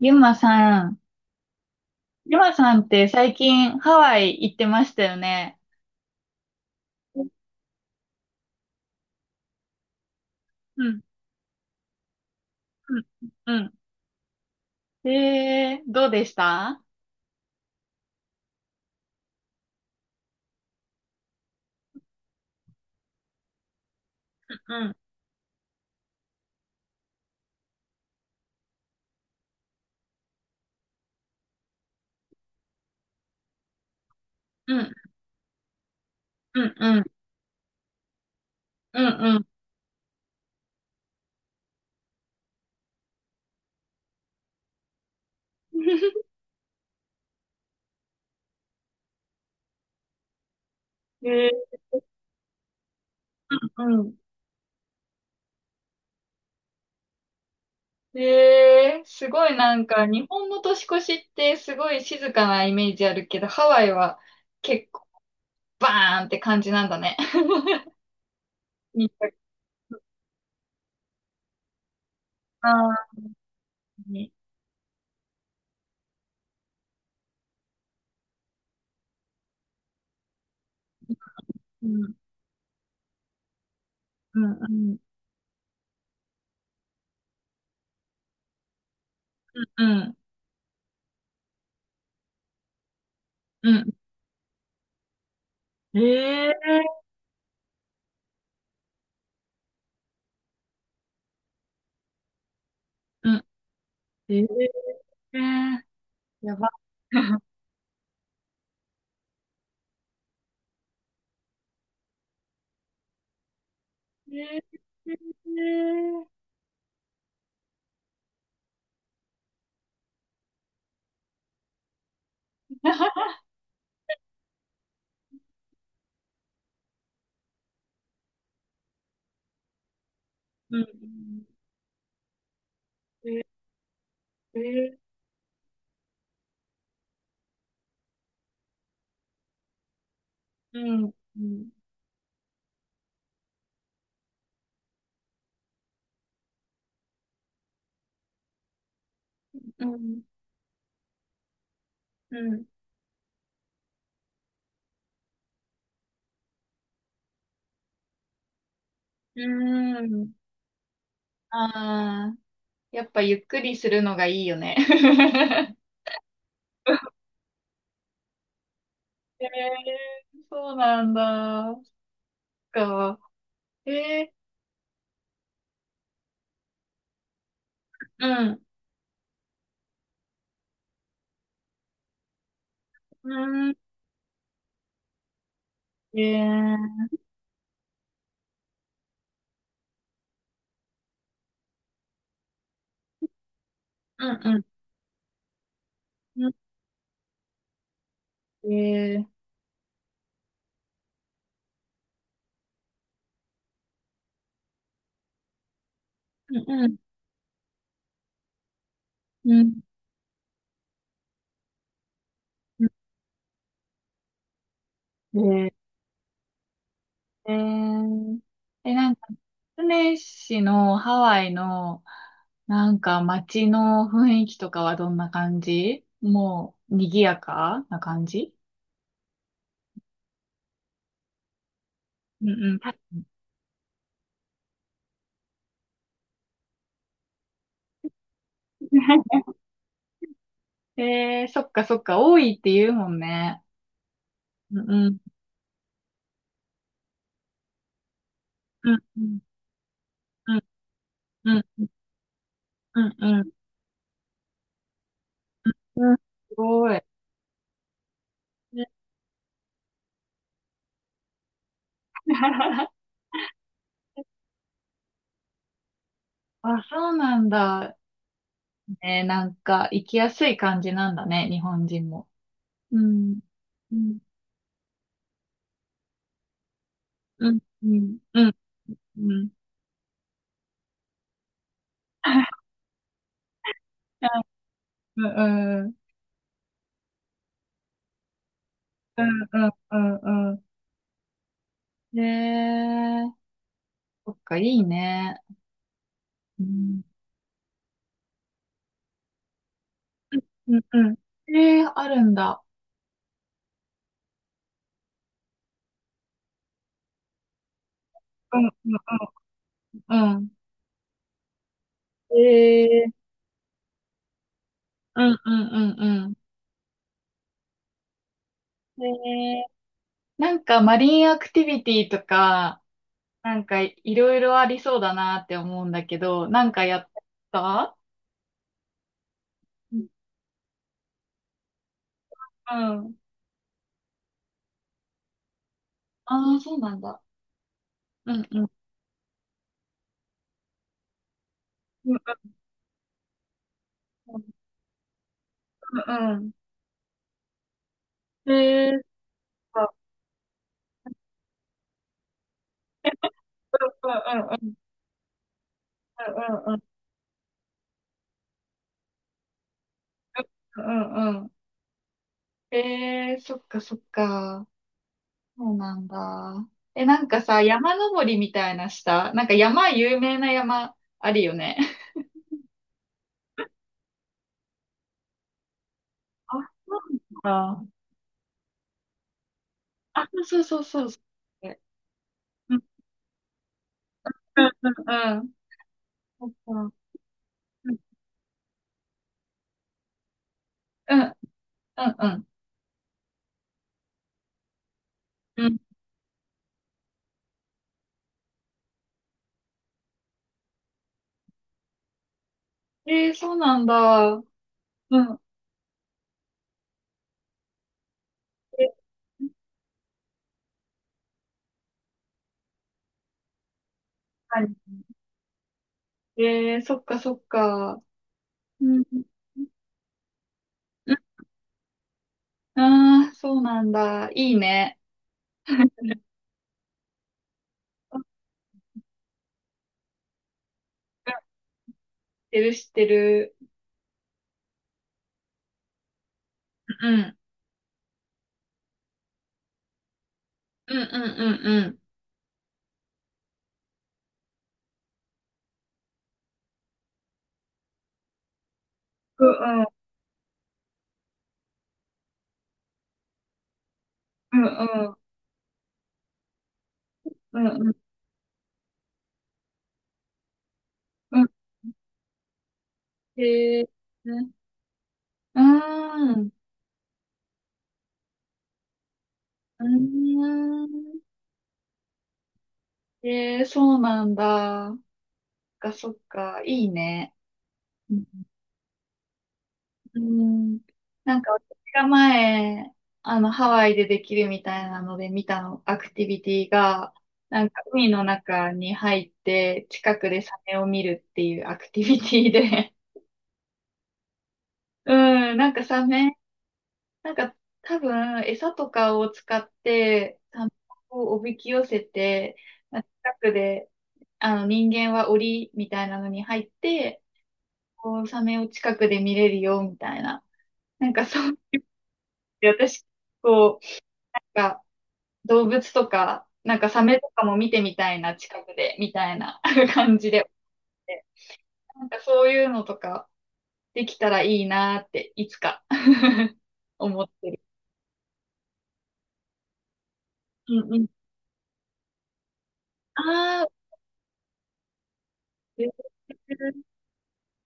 ゆまさん、ゆまさんって最近ハワイ行ってましたよね。うん、うん、うん。うんどうでした？うん、うん、うん、うん、うん、うん。うん えー、うん、うん。えー、すごいなんか日本の年越しってすごい静かなイメージあるけど、ハワイは結構バーンって感じなんだね。似たあーうん、うん、うん、うん、うん。うんえーええー、やば。ええー、うん、ええー、うん、うん、うん、うん、うん。ああ、やっぱゆっくりするのがいいよね。ええー、そうなんだ。そっか。えー、うん、うん、えー、うん、うん、うん、えー、うん、うん、うん、うんえー、なんか、スネ市のハワイの、なんか街の雰囲気とかはどんな感じ？もう、賑やかな感じ？うんうん。えー、そっかそっか、多いって言うもんね。うんうん。うんうん。うんうん。うんうん。うんすごい。ね あ、そうなんだ。ね、なんか、行きやすい感じなんだね、日本人も。うん。うん。うん。うん。うん。うん。うん、うん、うん、うん、うんうん。ねえ、そっか、いいね。うん、うん、うん。ええ、あるんだ。うん、うん、うん。うん。ええ、うん、うん、うん、うん。ええ、なんかマリンアクティビティとか、なんかいろいろありそうだなって思うんだけど、なんかやってた？うん。ああー、そうなんだ。うん、うん。うん、うん、うん。うん。ええ、うん、うん、うん、うん。うんうんうんうんうん。えー、そっかそっか。そうなんだ。え、なんかさ、山登りみたいなした？なんか山、有名な山あるよね。あ、そうなんだ。あ、そうそうそうそう。うんうんうんうん。そっかうんうんうんうん。えー、そうなんだ。うん。え、確かにそっかそっか。うんうん。ああ、そうなんだ。いいね。うん知ってる知ってる。うん。うんうんうんうん。うんうんうんうんうんうん。へえ。うん。うーん。えー、そうなんだ。そっか、そっか。いいね。うん。うん。なんか私が前、ハワイでできるみたいなので見たの、アクティビティが、なんか海の中に入って、近くでサメを見るっていうアクティビティで、うん、なんかサメなんか多分餌とかを使って卵をおびき寄せて、まあ近くであの人間は檻みたいなのに入って、こうサメを近くで見れるよみたいな。なんかそう、で私、こう、なんか動物とか、なんかサメとかも見てみたいな、近くで、みたいな 感じで。なんかそういうのとかできたらいいなって、いつか 思ってる。うんうん。ああ、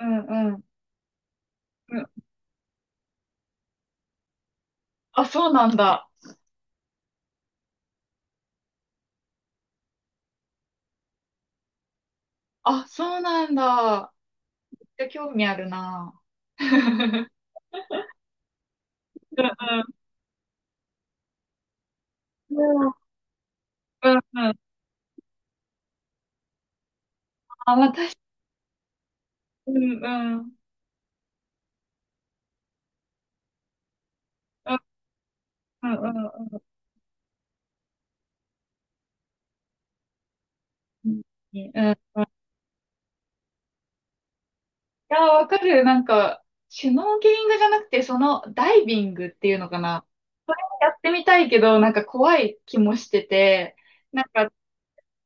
うんうん。うん。あ、そうなんだ。あ、そうなんだ。めっちゃ興味あるな。うんうん。うんうんうん。まあ、私、うんうん。うんうんうんうん。うん。いや、わかる。なんか、シュノーケリングじゃなくて、そのダイビングっていうのかな。それもやってみたいけど、なんか怖い気もしてて、なんか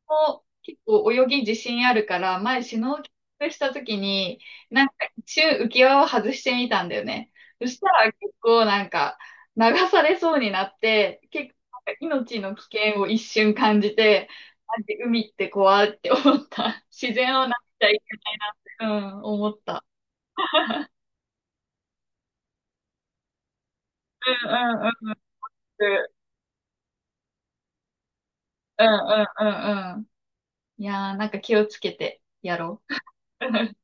も結構泳ぎ自信あるから、前シュノーケリングした時に、なんか一瞬浮き輪を外してみたんだよね。そしたら結構なんか流されそうになって、結構なんか命の危険を一瞬感じて、なんて海って怖いって思った。自然をなっちゃいけない、うん、思った。うんうんうんうん。うんうんうんうん。いやー、なんか気をつけてやろう。